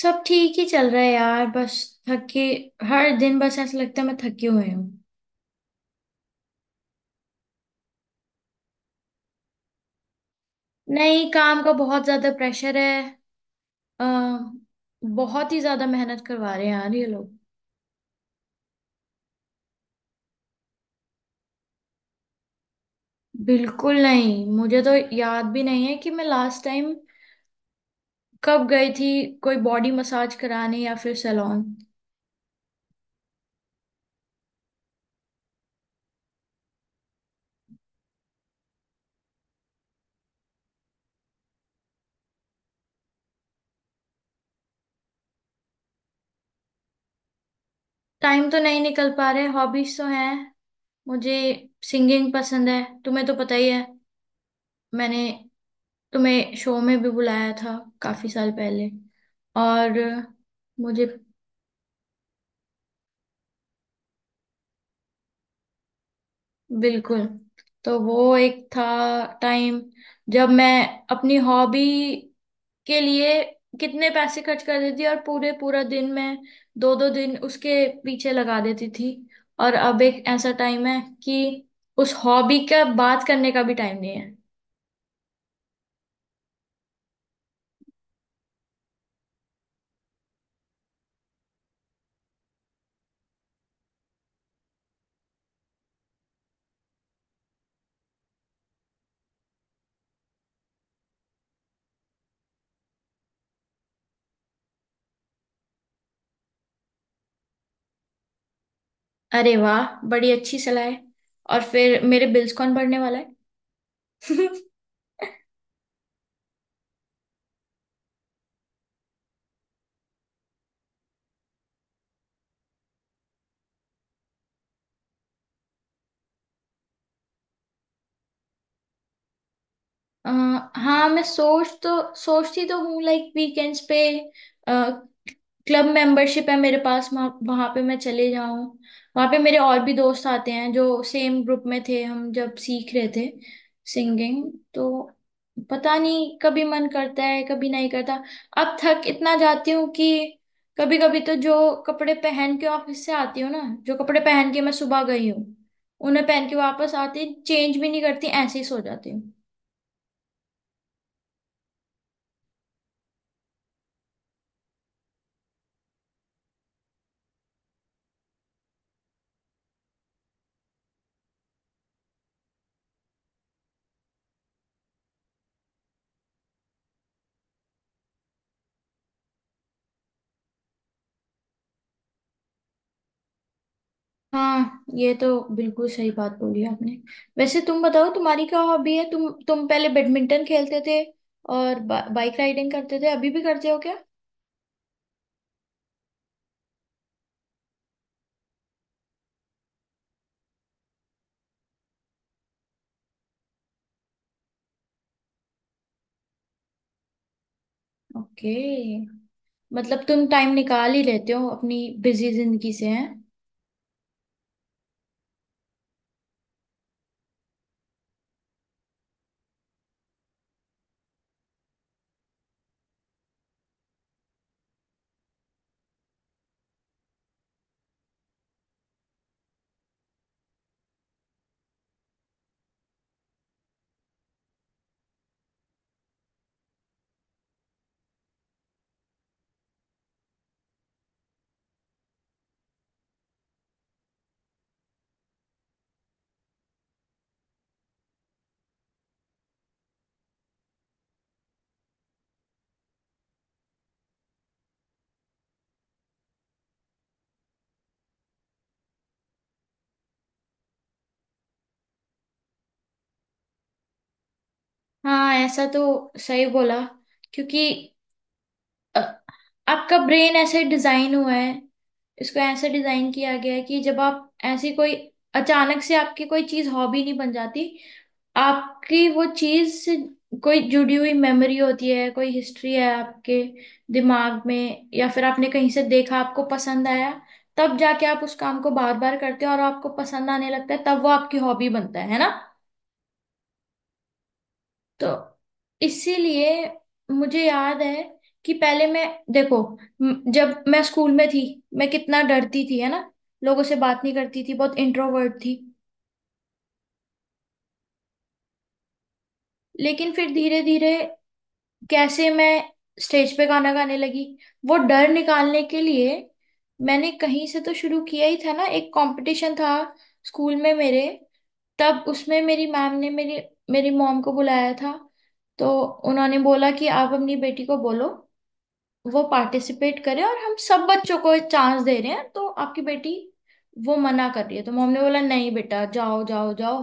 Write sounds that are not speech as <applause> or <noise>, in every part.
सब ठीक ही चल रहा है यार बस थके। हर दिन बस ऐसा लगता है मैं थकी हुई हूँ। नहीं, काम का बहुत ज्यादा प्रेशर है। अ, बहुत ही ज्यादा मेहनत करवा रहे हैं यार ये लोग। बिल्कुल नहीं, मुझे तो याद भी नहीं है कि मैं लास्ट टाइम कब गई थी कोई बॉडी मसाज कराने या फिर सैलून। टाइम तो नहीं निकल पा रहे, हॉबीज तो हैं मुझे। सिंगिंग पसंद है, तुम्हें तो पता ही है। मैंने तुम्हें शो में भी बुलाया था काफी साल पहले, और मुझे बिल्कुल। तो वो एक था टाइम जब मैं अपनी हॉबी के लिए कितने पैसे खर्च कर देती थी, और पूरे पूरा दिन मैं दो दो दिन उसके पीछे लगा देती थी। और अब एक ऐसा टाइम है कि उस हॉबी का बात करने का भी टाइम नहीं है। अरे वाह, बड़ी अच्छी सलाह है। और फिर मेरे बिल्स कौन भरने वाला है? <laughs> अ, हाँ, मैं सोचती तो हूँ लाइक वीकेंड्स पे। क्लब मेंबरशिप है मेरे पास, वहां पे मैं चले जाऊँ। वहां पे मेरे और भी दोस्त आते हैं जो सेम ग्रुप में थे, हम जब सीख रहे थे सिंगिंग। तो पता नहीं, कभी मन करता है कभी नहीं करता। अब थक इतना जाती हूँ कि कभी कभी तो जो कपड़े पहन के ऑफिस से आती हूँ ना, जो कपड़े पहन के मैं सुबह गई हूँ, उन्हें पहन के वापस आती, चेंज भी नहीं करती, ऐसे ही सो जाती हूँ। हाँ, ये तो बिल्कुल सही बात बोली आपने। वैसे तुम बताओ, तुम्हारी क्या हॉबी है? तुम पहले बैडमिंटन खेलते थे, और बाइक राइडिंग करते थे, अभी भी करते हो क्या? ओके, मतलब तुम टाइम निकाल ही लेते हो अपनी बिजी जिंदगी से, हैं। हाँ, ऐसा तो सही बोला क्योंकि अ, आपका ब्रेन ऐसे डिजाइन हुआ है, इसको ऐसे डिजाइन किया गया है कि जब आप ऐसी कोई, अचानक से आपकी कोई चीज हॉबी नहीं बन जाती। आपकी वो चीज से कोई जुड़ी हुई मेमोरी होती है, कोई हिस्ट्री है आपके दिमाग में, या फिर आपने कहीं से देखा आपको पसंद आया, तब जाके आप उस काम को बार बार करते हो और आपको पसंद आने लगता है, तब वो आपकी हॉबी बनता है ना। तो इसीलिए मुझे याद है कि पहले मैं, देखो, जब मैं स्कूल में थी मैं कितना डरती थी, है ना। लोगों से बात नहीं करती थी, बहुत इंट्रोवर्ट थी। लेकिन फिर धीरे धीरे कैसे मैं स्टेज पे गाना गाने लगी, वो डर निकालने के लिए मैंने कहीं से तो शुरू किया ही था ना। एक कंपटीशन था स्कूल में मेरे, तब उसमें मेरी मैम ने मेरी मेरी मॉम को बुलाया था। तो उन्होंने बोला कि आप अपनी बेटी को बोलो वो पार्टिसिपेट करे, और हम सब बच्चों को चांस दे रहे हैं तो आपकी बेटी वो मना कर रही है। तो मॉम ने बोला नहीं बेटा, जाओ जाओ जाओ।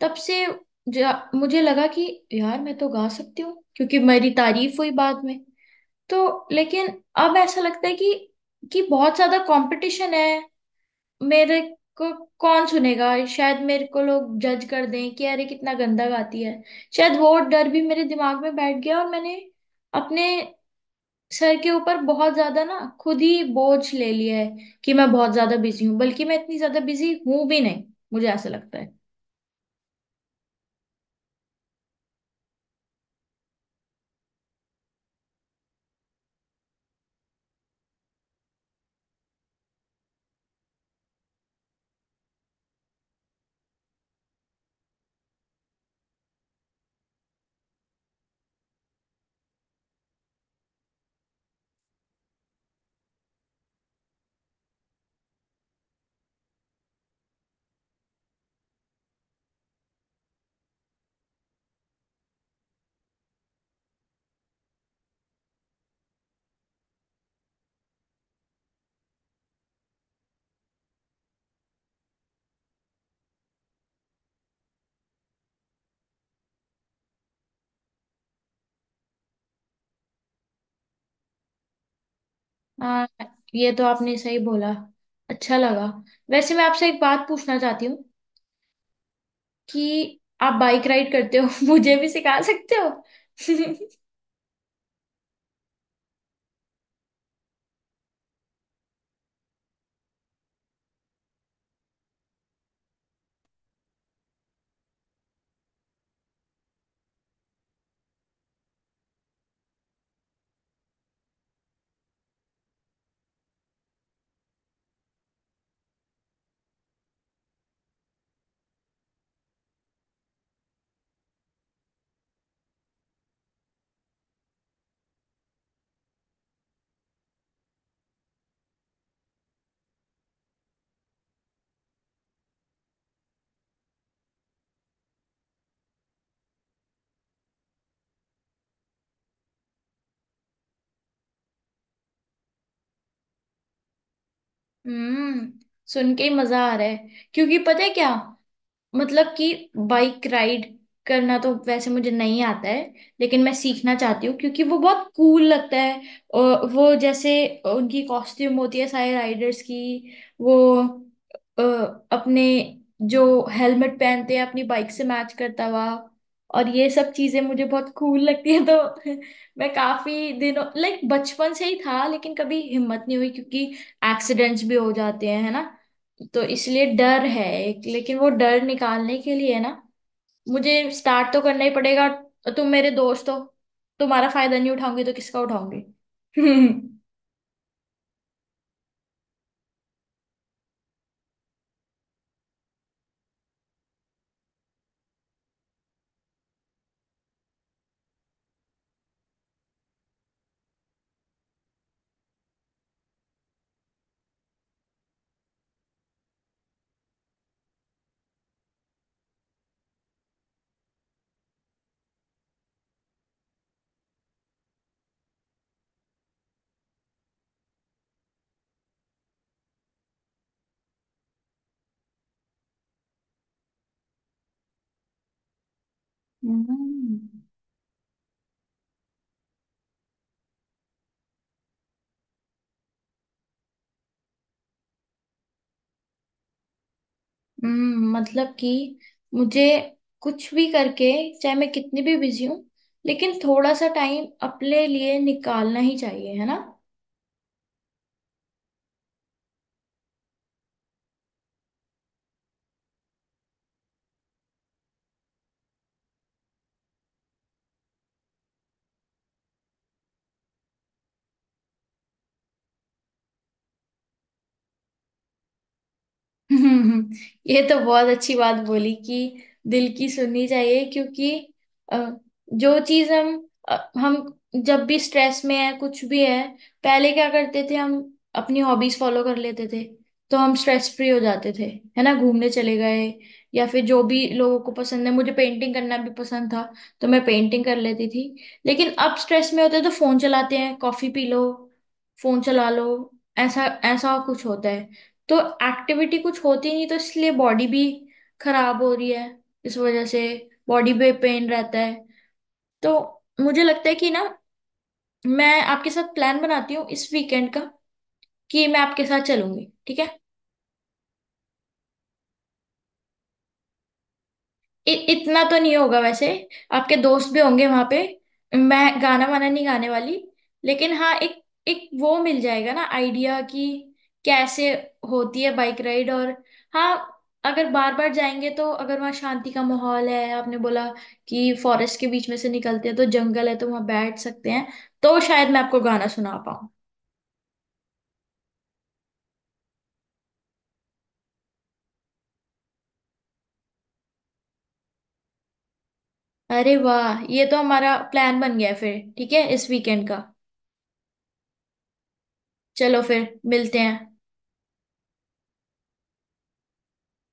तब से मुझे लगा कि यार मैं तो गा सकती हूँ क्योंकि मेरी तारीफ हुई बाद में। तो लेकिन अब ऐसा लगता है कि बहुत ज्यादा कंपटीशन है, मेरे को कौन सुनेगा, शायद मेरे को लोग जज कर दें कि अरे कितना गंदा गाती है। शायद वो डर भी मेरे दिमाग में बैठ गया, और मैंने अपने सर के ऊपर बहुत ज्यादा ना खुद ही बोझ ले लिया है कि मैं बहुत ज्यादा बिजी हूँ, बल्कि मैं इतनी ज्यादा बिजी हूं भी नहीं, मुझे ऐसा लगता है। आ, ये तो आपने सही बोला, अच्छा लगा। वैसे मैं आपसे एक बात पूछना चाहती हूँ कि आप बाइक राइड करते हो, <laughs> मुझे भी सिखा सकते हो? <laughs> हम्म। सुन के ही मजा आ रहा है, क्योंकि पता है क्या? मतलब कि बाइक राइड करना तो वैसे मुझे नहीं आता है, लेकिन मैं सीखना चाहती हूँ क्योंकि वो बहुत कूल लगता है। और वो जैसे उनकी कॉस्ट्यूम होती है सारे राइडर्स की, वो अ, अपने जो हेलमेट पहनते हैं अपनी बाइक से मैच करता हुआ, और ये सब चीजें मुझे बहुत कूल लगती है। तो <laughs> मैं काफी दिनों, लाइक बचपन से ही था, लेकिन कभी हिम्मत नहीं हुई क्योंकि एक्सीडेंट्स भी हो जाते हैं, है ना। तो इसलिए डर है एक, लेकिन वो डर निकालने के लिए ना मुझे स्टार्ट तो करना ही पड़ेगा। तुम मेरे दोस्त हो, तुम्हारा फायदा नहीं उठाऊंगी तो किसका उठाऊंगी? <laughs> हम्म, हम्म। मतलब कि मुझे कुछ भी करके, चाहे मैं कितनी भी बिजी हूँ, लेकिन थोड़ा सा टाइम अपने लिए निकालना ही चाहिए, है ना। <laughs> हम्म, ये तो बहुत अच्छी बात बोली कि दिल की सुननी चाहिए क्योंकि अ, जो चीज हम जब भी स्ट्रेस में है कुछ भी है, पहले क्या करते थे हम, अपनी हॉबीज फॉलो कर लेते थे तो हम स्ट्रेस फ्री हो जाते थे, है ना। घूमने चले गए, या फिर जो भी लोगों को पसंद है, मुझे पेंटिंग करना भी पसंद था तो मैं पेंटिंग कर लेती थी। लेकिन अब स्ट्रेस में होते हैं तो फोन चलाते हैं, कॉफी पी लो, फोन चला लो, ऐसा ऐसा कुछ होता है। तो एक्टिविटी कुछ होती नहीं, तो इसलिए बॉडी भी खराब हो रही है, इस वजह से बॉडी पे पेन रहता है। तो मुझे लगता है कि ना मैं आपके साथ प्लान बनाती हूँ इस वीकेंड का, कि मैं आपके साथ चलूंगी, ठीक है। इतना तो नहीं होगा वैसे, आपके दोस्त भी होंगे वहां पे, मैं गाना वाना नहीं गाने वाली। लेकिन हाँ, एक एक वो मिल जाएगा ना आइडिया कि कैसे होती है बाइक राइड। और हाँ, अगर बार बार जाएंगे तो, अगर वहाँ शांति का माहौल है, आपने बोला कि फॉरेस्ट के बीच में से निकलते हैं तो जंगल है तो वहाँ बैठ सकते हैं, तो शायद मैं आपको गाना सुना पाऊँ। अरे वाह, ये तो हमारा प्लान बन गया है फिर, ठीक है इस वीकेंड का। चलो, फिर मिलते हैं।